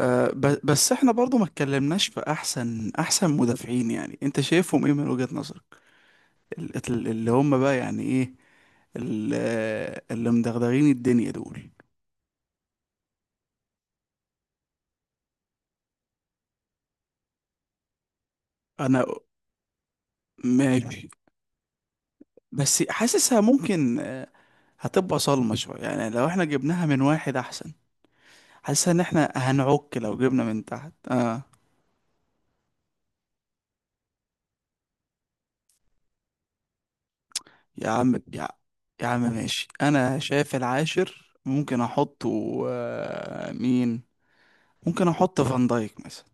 بس احنا برضو ما اتكلمناش في احسن مدافعين، يعني انت شايفهم ايه من وجهة نظرك؟ اللي هم بقى يعني ايه؟ اللي مدغدغين الدنيا دول. انا ماشي، بس حاسسها ممكن هتبقى صلمة شوية يعني لو احنا جبناها من واحد، احسن حاسسها ان احنا هنعك لو جبنا من تحت. اه، يا عم يا, يا عم ماشي، انا شايف العاشر ممكن احطه مين. ممكن احط فان دايك مثلا.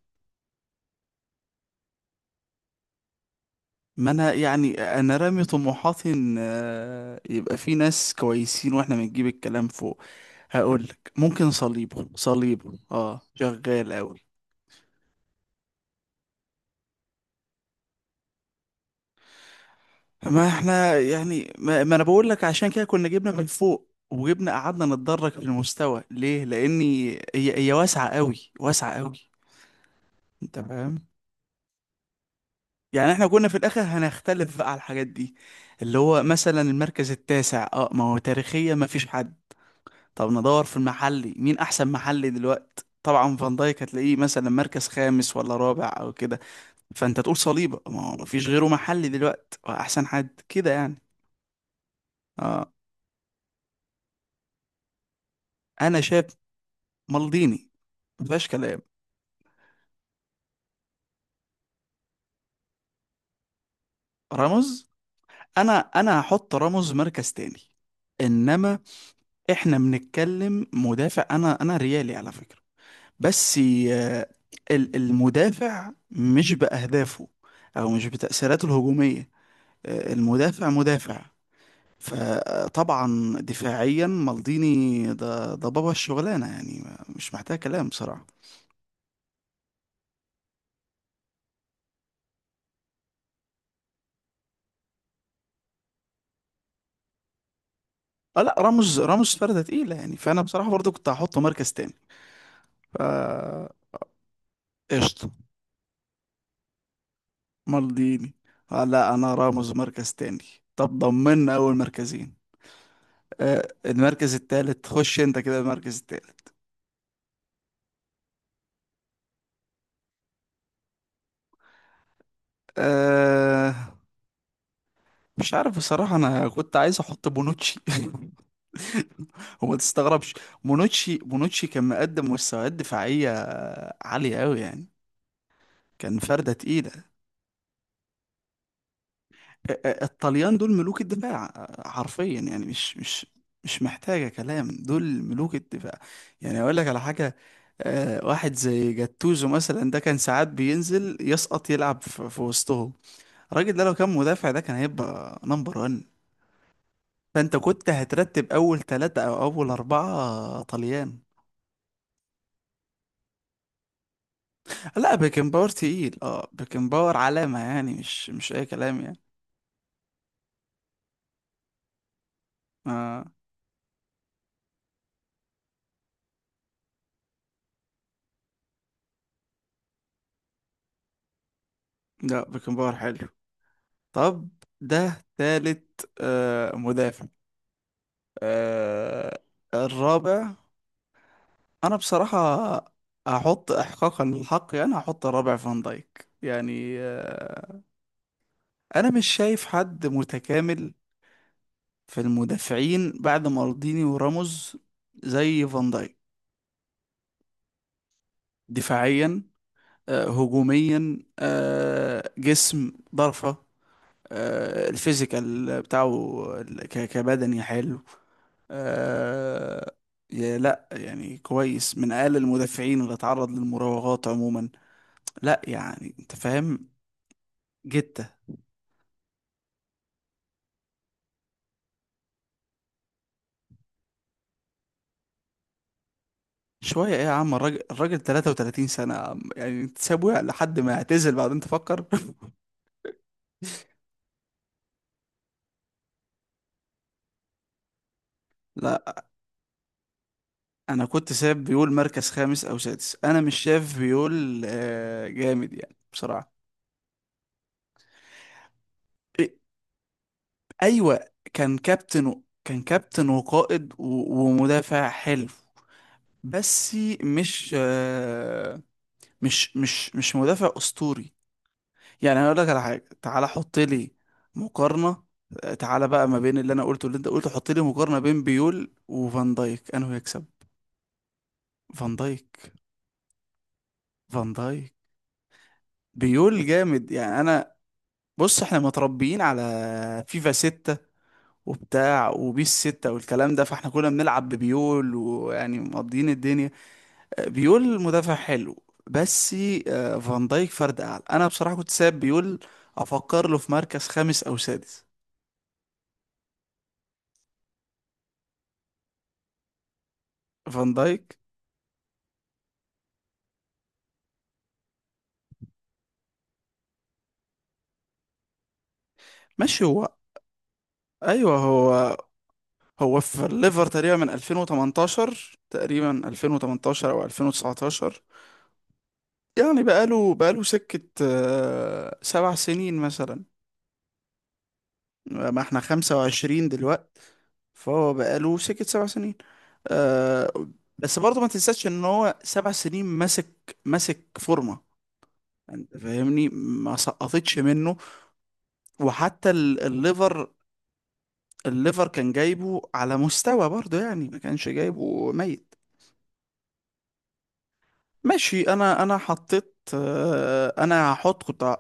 ما انا يعني، انا رامي طموحاتي ان يبقى في ناس كويسين واحنا بنجيب الكلام فوق. هقول لك، ممكن صليبه اه شغال قوي. ما احنا يعني، ما انا بقول لك عشان كده كنا جبنا من فوق وجبنا قعدنا نتدرج في المستوى ليه، لاني هي واسعه قوي، واسعه قوي. انت فاهم، يعني احنا كنا في الاخر هنختلف بقى على الحاجات دي، اللي هو مثلا المركز التاسع اه ما هو تاريخيا ما فيش حد. طب ندور في المحلي، مين احسن محلي دلوقتي؟ طبعا فان دايك هتلاقيه مثلا مركز خامس ولا رابع او كده. فانت تقول صليبه، ما هو مفيش غيره محلي دلوقتي احسن حد كده يعني. اه، انا شايف مالديني مفيهاش كلام. راموس، انا هحط راموس مركز تاني. انما احنا بنتكلم مدافع، انا ريالي على فكره، بس آه، المدافع مش باهدافه او مش بتاثيراته الهجوميه، المدافع مدافع. فطبعا دفاعيا مالديني ده بابا الشغلانه يعني، مش محتاج كلام بصراحه. اه لا، راموس فرده تقيله يعني، فانا بصراحه برضو كنت هحطه مركز تاني. ف قشطه، مالديني. آه لا، انا راموس مركز تاني. طب ضمننا اول مركزين. المركز التالت، خش انت كده المركز التالت. آه مش عارف بصراحه، انا كنت عايز احط بونوتشي وما تستغربش. مونوتشي كان مقدم مستويات دفاعية عالية قوي يعني، كان فردة تقيلة. الطليان دول ملوك الدفاع حرفيا يعني، مش محتاجة كلام، دول ملوك الدفاع. يعني اقول لك على حاجة، واحد زي جاتوزو مثلا ده كان ساعات بينزل يسقط يلعب في وسطهم. الراجل ده لو كان مدافع ده كان هيبقى نمبر 1. فانت كنت هترتب اول ثلاثة او اول اربعة طليان. لا بيكنباور تقيل، اه بيكنباور علامة يعني، مش اي كلام يعني. آه لا بيكنباور حلو. طب ده تالت مدافع. آه الرابع، انا بصراحة هحط احقاقا للحق يعني، هحط الرابع فان دايك يعني. انا مش شايف حد متكامل في المدافعين بعد مالديني وراموس زي فان دايك. دفاعيا، هجوميا، جسم ضرفة، الفيزيكال بتاعه، كبدني حلو، آه، يا لا يعني كويس، من اقل المدافعين اللي اتعرض للمراوغات عموما، لا يعني انت فاهم جته. شويه ايه يا عم، الراجل 33 سنه يا عم. يعني انت سابه لحد ما يعتزل بعدين تفكر؟ لا انا كنت ساب بيقول مركز خامس او سادس، انا مش شايف بيقول جامد يعني بصراحه. إيه، ايوه، كان كابتن وقائد و... ومدافع حلو، بس مش آه، مش مش مش مدافع اسطوري. يعني انا اقول لك على حاجه، تعالى حط لي مقارنه، تعالى بقى ما بين اللي انا قلته واللي انت قلته، حط لي مقارنه بين بيول وفان دايك، انه يكسب فان دايك. فان دايك بيول جامد يعني. انا بص، احنا متربيين على فيفا 6 وبتاع وبيس 6 والكلام ده، فاحنا كنا بنلعب ببيول ويعني مقضيين الدنيا. بيول مدافع حلو، بس فان دايك فرد اعلى. انا بصراحه كنت ساب بيول افكر له في مركز خامس او سادس. فان دايك، ماشي هو، ايوه هو، هو في الليفر تقريبا من 2018، تقريبا 2018 او 2019. يعني بقاله سكه سبع سنين مثلا. ما احنا خمسة وعشرين دلوقت، فهو بقاله سكة سبع سنين. آه بس برضه ما تنساش ان هو سبع سنين ماسك فورمة، انت فاهمني، ما سقطتش منه. وحتى الليفر، الليفر كان جايبه على مستوى برضه يعني، ما كانش جايبه ميت. ماشي، انا حطيت، انا هحط، كنت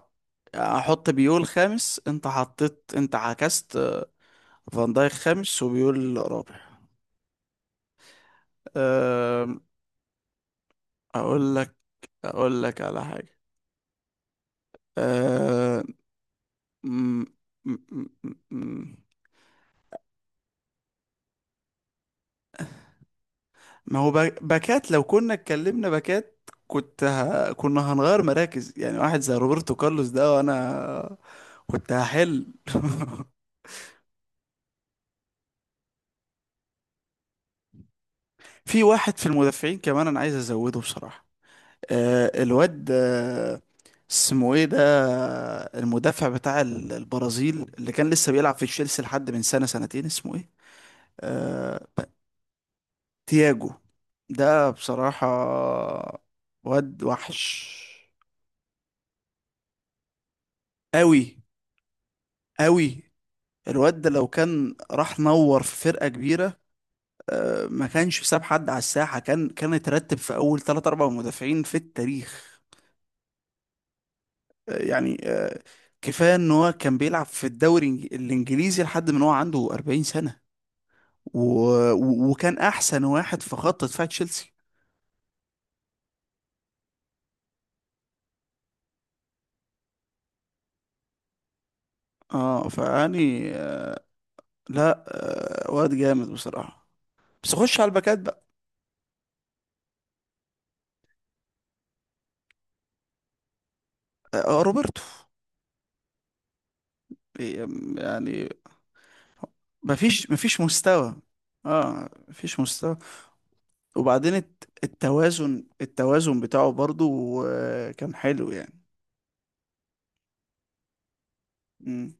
هحط بيول خامس، انت حطيت، انت عكست فان دايك خامس وبيول رابع. آه، اقول لك اقول لك على حاجه. أه... م... م... م... م- ما هو باكات، لو كنا اتكلمنا باكات كنا هنغير مراكز، يعني واحد زي روبرتو كارلوس ده، وانا كنت هحل في واحد في المدافعين كمان انا عايز ازوده بصراحه، الواد اسمه ايه ده؟ المدافع بتاع البرازيل، اللي كان لسه بيلعب في تشيلسي لحد من سنه سنتين، اسمه ايه؟ أه... تياجو. ده بصراحة واد وحش أوي، أوي. الواد ده لو كان راح نور في فرقة كبيرة، ما كانش ساب حد على الساحة، كان اترتب في أول 3 4 مدافعين في التاريخ. يعني، كفاية إن هو كان بيلعب في الدوري الإنجليزي لحد من هو عنده 40 سنة، و... و- وكان أحسن واحد في خط دفاع تشيلسي. اه، فيعني آه، لا، واد جامد بصراحة، بس خش على الباكات. روبرتو. يعني مفيش مستوى، اه مفيش مستوى. وبعدين التوازن بتاعه برضو كان حلو يعني. مم.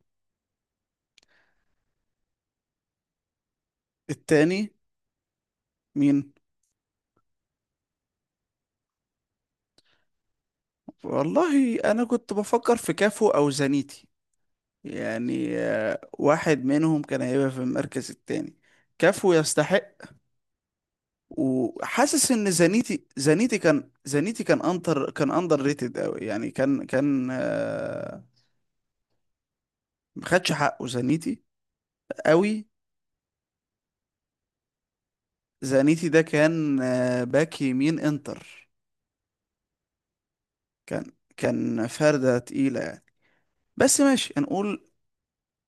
التاني مين؟ والله انا كنت بفكر في كافو او زانيتي، يعني واحد منهم كان هيبقى في المركز التاني. كافو يستحق، وحاسس ان زانيتي كان، كان انتر، كان اندر ريتد قوي يعني، كان ما خدش حقه زانيتي، قوي. زانيتي ده كان باك يمين انتر، كان كان فردة تقيلة يعني. بس ماشي، هنقول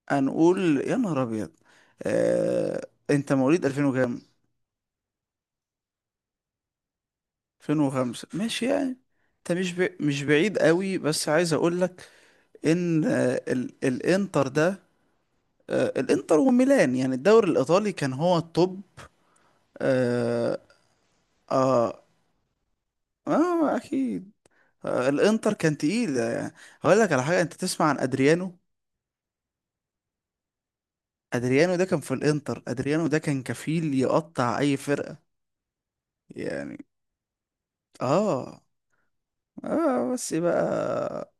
هنقول يا نهار ابيض. انت مواليد 2000 وكام؟ 2005 ماشي يعني. انت مش بعيد قوي، بس عايز اقول لك ان الانتر ده، الانتر وميلان يعني الدوري الايطالي كان هو التوب. اه، آه... اكيد. الانتر كان تقيل، هقول لك على حاجه، انت تسمع عن ادريانو؟ ادريانو ده كان في الانتر، ادريانو ده كان كفيل يقطع اي فرقه يعني. اه اه، بس بقى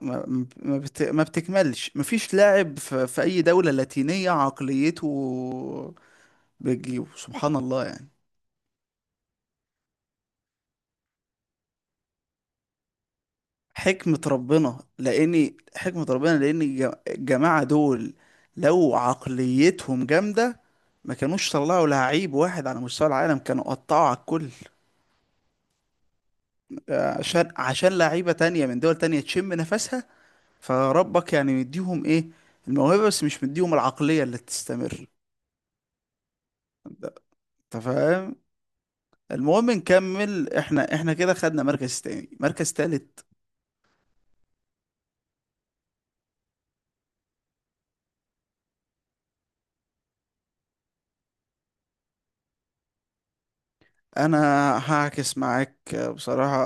ما بتكملش، مفيش لاعب في اي دوله لاتينيه عقليته بتجيبه، سبحان الله يعني. حكمة ربنا لأن الجماعة دول لو عقليتهم جامدة ما كانوش طلعوا لعيب واحد على مستوى العالم، كانوا قطعوا على الكل. عشان لعيبة تانية من دول تانية تشم نفسها، فربك يعني مديهم ايه؟ الموهبة بس، مش مديهم العقلية اللي تستمر. انت أنت فاهم. المهم نكمل، احنا كده خدنا مركز تاني، مركز تالت. انا هعكس معاك بصراحة،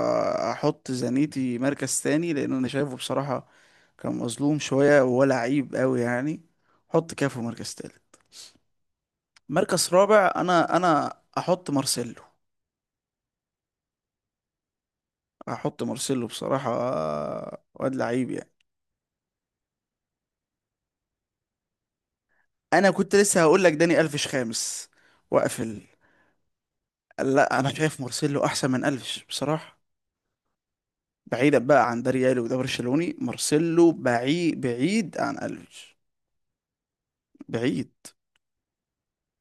احط زانيتي مركز تاني لان انا شايفه بصراحة كان مظلوم شوية وهو لعيب قوي يعني. حط كافو مركز تالت. مركز رابع انا احط مارسيلو، احط مارسيلو بصراحة، واد لعيب يعني. انا كنت لسه هقول لك داني الفيش خامس واقفل. لا انا شايف مارسيلو احسن من الفيش بصراحة، بعيدا بقى عن ده ريالي وده برشلوني، مارسيلو بعيد بعيد عن الفيش، بعيد.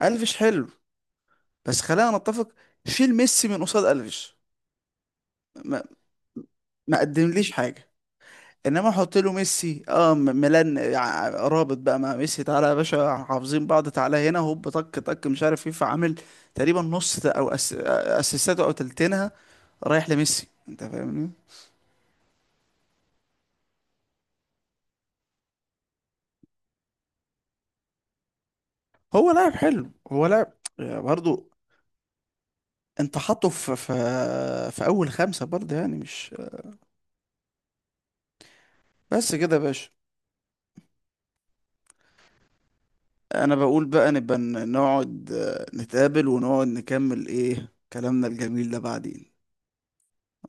الفيش حلو، بس خلينا نتفق، شيل ميسي من قصاد الفيش، ما, ما قدمليش حاجه. انما احط له ميسي، اه ميلان رابط بقى مع ميسي، تعالى يا باشا حافظين بعض، تعالى هنا هوب طك طك، مش عارف ايه، فعامل تقريبا نص او اسيستاته او تلتينها رايح لميسي، انت فاهمني. هو لاعب حلو، هو لاعب برضه، انت حاطه في في اول خمسة برضه يعني مش بس كده يا باشا. انا بقول بقى نبقى نقعد نتقابل ونقعد نكمل ايه كلامنا الجميل ده بعدين،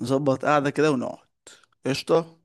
نظبط قعدة كده ونقعد. قشطة.